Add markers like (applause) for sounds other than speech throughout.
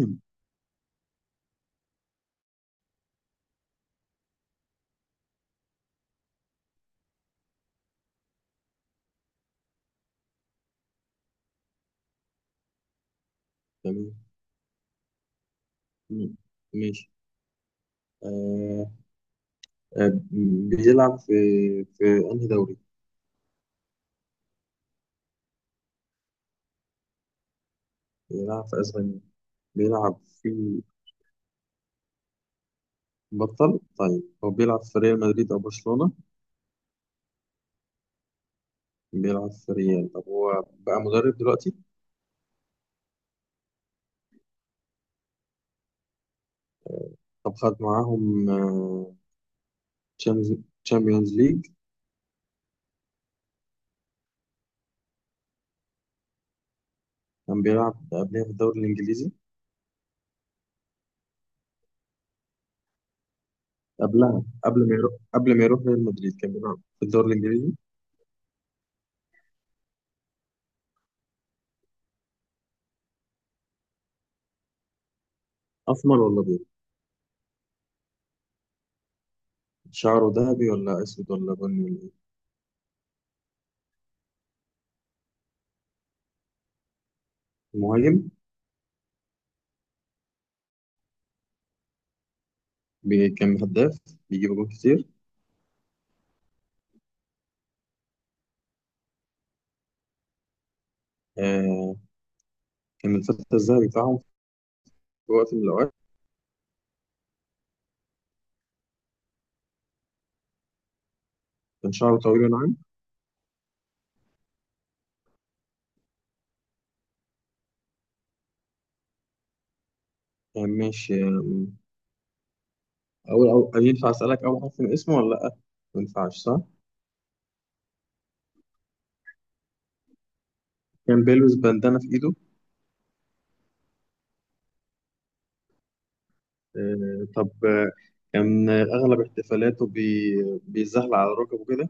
مم. تمام. مم. ماشي. آه، آه. بيلعب في في أنهي دوري؟ بيلعب في أسبانيا. بيلعب في بطل. طيب، هو بيلعب في ريال مدريد أو برشلونة؟ بيلعب في ريال. طب هو بقى مدرب دلوقتي؟ طب خد معاهم تشامبيونز ليج. كان بيلعب قبلها في الدوري الإنجليزي. قبلها، قبل ما يروح ريال مدريد كان بيلعب في الدوري الإنجليزي. أسمر ولا أبيض؟ شعره ذهبي ولا أسود ولا بني ولا إيه؟ مهاجم. كان هداف. بيجيب جول كتير. آه. كان الفتى الذهبي بتاعهم في وقت من الأوقات. كان شعره طويل وناعم. آه، ماشي، آه. أول ينفع أسألك أول حرف من اسمه ولا لأ؟ ما ينفعش، صح؟ كان بيلبس بندانة في إيده. آه، طب، آه. كان أغلب احتفالاته بيزحلق على ركبه كده.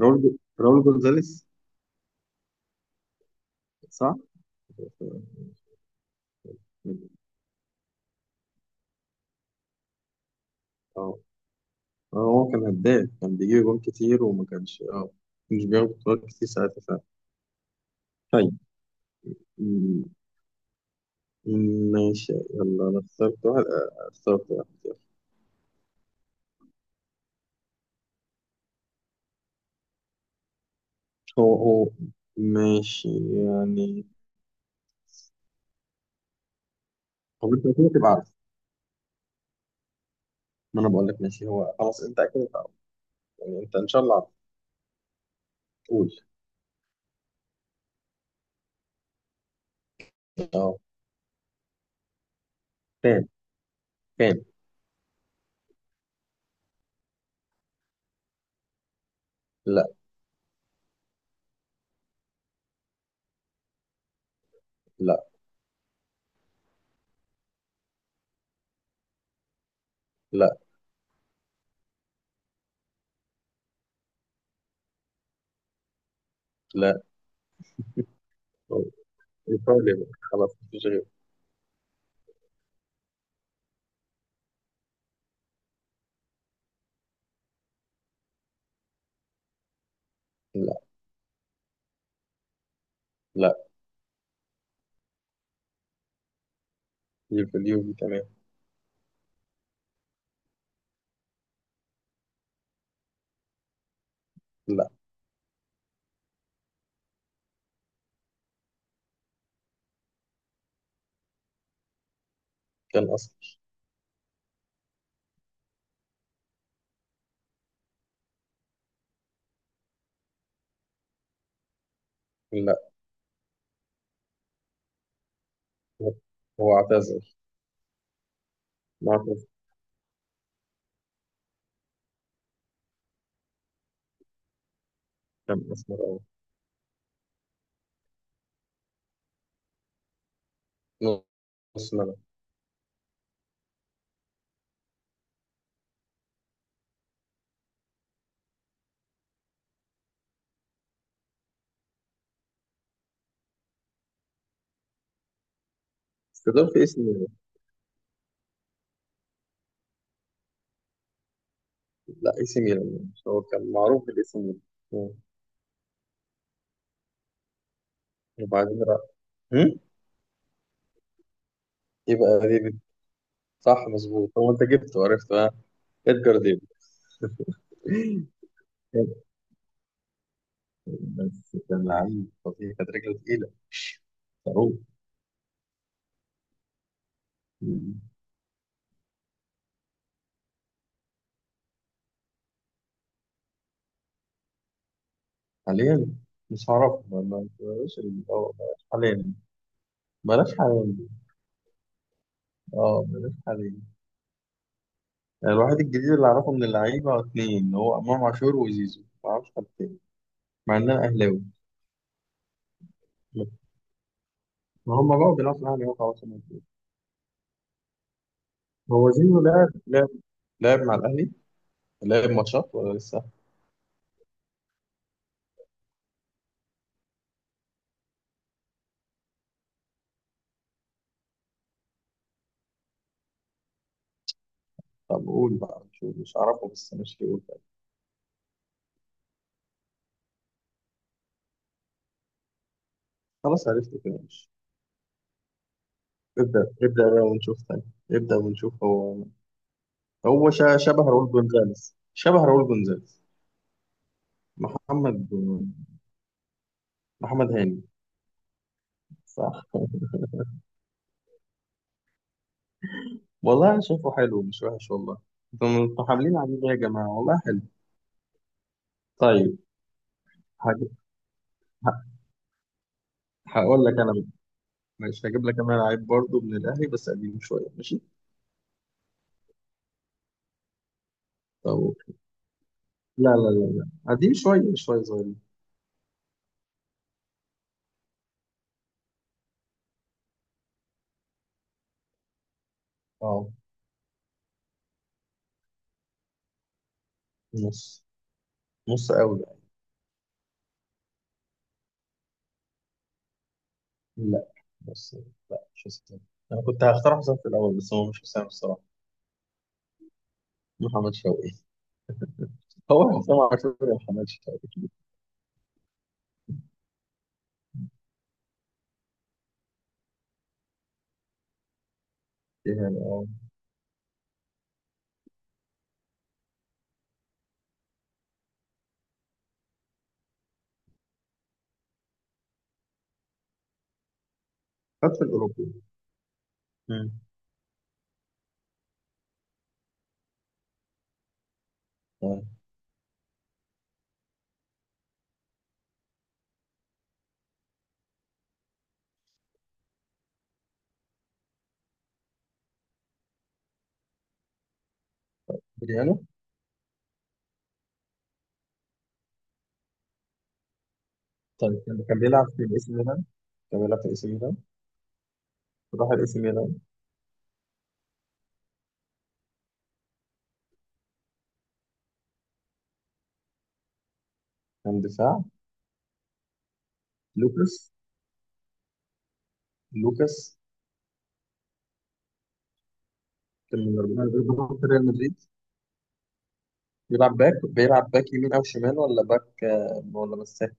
راول جونزاليس. صح؟ اه هو كان هداف، كان بيجيب جول كتير وما كانش مش بياخد بطولات كتير ساعتها. فعلا. طيب. ماشي، يلا. أنا اخترت واحد، يلا. هو، ماشي يعني. هو أنت أكيد هتبقى عارف. ما أنا بقول لك، ماشي، هو خلاص أنت أكيد هتعرف. يعني أنت إن شاء الله عارف. قول. أه فين، فين لا لا لا لا. أو، إيطاليا بقى. خلاص مفيش غيره. لا. لا، يبقى اليوفي كمان. لا. كان أصفر. لا. هو هو اعتزل. معتزل. كان أسمر. أه، نص ملعب. بس دول في اسم. لا، اي سي ميلان مش هو، كان معروف بالاي سي ميلان. مم. وبعدين راح. هم؟ يبقى ديفيد. صح، مظبوط، هو انت جبته عرفته، ها. ادجار ديفيد. بس كان لعيب فظيع، كانت رجله تقيله. صاروخ. مم. حاليا. مش هعرف، ما ما- بلاش ال- آه، بلاش حاليا. بلاش حاليا. اه، بلاش حاليا. يعني الواحد الجديد اللي اعرفه من اللعيبه اثنين هو امام عاشور وزيزو، ما اعرفش حد تاني. مع ان انا اهلاوي. ما هم بقوا بيلعبوا في الاهلي، هو خلاص هما كده. هو زيزو لعب مع الاهلي. لعب ماتشات ولا لسه؟ طب قول بقى، مش أعرفه، بس مش، قول بقى. خلاص عرفت كده، مش. ابدأ ابدأ بقى ونشوف تاني. ابدأ ونشوف. هو هو شبه راؤول جونزاليز، شبه راؤول جونزاليز. محمد. محمد هاني. صح. (laughs) والله أنا شايفه حلو، مش وحش والله. انتوا متحاملين عليه ليه يا جماعة، والله حلو. طيب. هج- ه- هقول لك أنا بقى. ماشي، هجيب لك أنا لعيب برضه من الأهلي، بس قديم شوية، ماشي. طب أوكي. لا لا لا لا. قديم شوية، شوية صغير. اه، نص نص قوي بقى. لا، بس لا، مش حسام. انا كنت هختار حسام في الاول، بس هو مش حسام الصراحه. محمد شوقي. (laughs) هو حسام عاشور يا محمد شوقي. يعني اه. خد في الاوروبي. مم. طيب، بريانو. طيب لما كان بيلعب في الاي سي ميلان. كان بيلعب في الاي سي ميلان. راح الاي سي ميلان. كان دفاع. لوكاس. لوكاس. كان من الاربعه اللي بيلعبوا في ريال مدريد. بيلعب باك يمين او شمال، ولا باك، ولا مساك.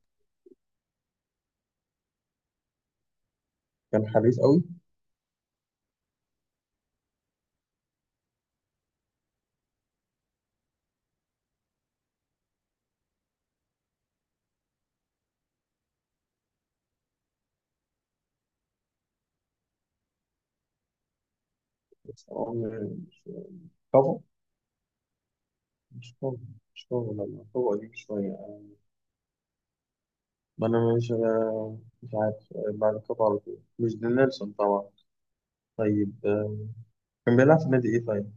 كان حريف قوي. بس هو مش فاهم، مش فاهم والله، هو دي شوية. ما أنا مش عارف، بعد كده على طول، مش دي نيلسون طبعا. طيب، كان بيلعب في نادي إيه طيب؟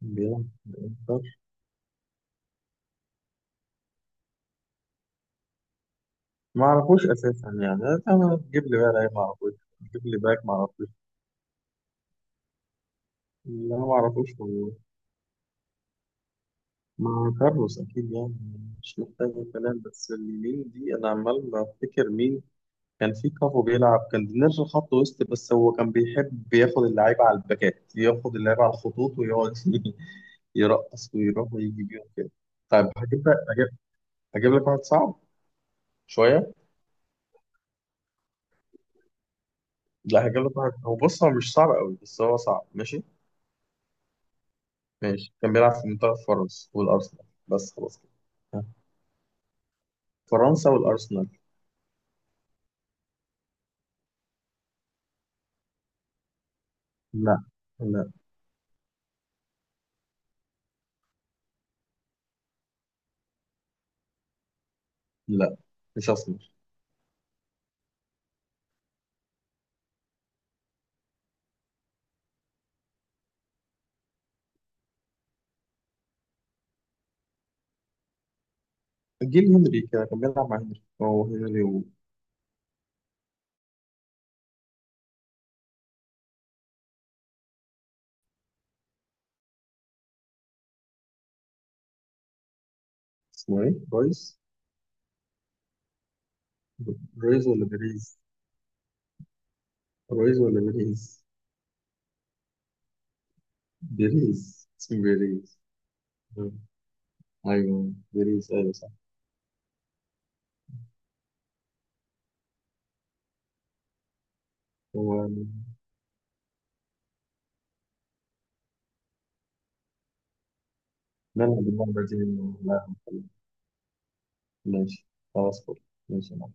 كان بيلعب في الإنتر. ما أعرفوش أساسا يعني. أنا تجيب لي بقى لعيب ما أعرفوش، تجيب لي باك ما أعرفوش. لا، ما أعرفوش والله. مع كارلوس أكيد يعني، مش محتاج الكلام، بس اليمين دي أنا عمال بفتكر مين. كان في كافو بيلعب، كان نرجع خط وسط، بس هو كان بيحب ياخد اللعيبة على الباكات، ياخد اللعيبة على الخطوط، ويقعد (laughs) يرقص ويروح ويجي بيهم كده. طيب هجيب لك واحد صعب شوية. لا، هجيب لك واحد، هو بص، هو مش صعب قوي بس هو صعب، ماشي. ماشي، كان بيلعب في منتخب فرنسا والأرسنال، بس خلاص كده. ها. فرنسا والأرسنال. لا. لا، لا مش أسمر. جيل هنري كده، كان بيلعب مع هنري، هو هنري. اسمه ايه؟ رويس. رويز ولا بيريز؟ رويز ولا بيريز؟ بيريز، اسمه بيريز. مم. أيوه بيريز، أيوه صح. هو. نلعب اللعبة دي. لا. ماشي. خلاص، فل. ماشي يا معلم.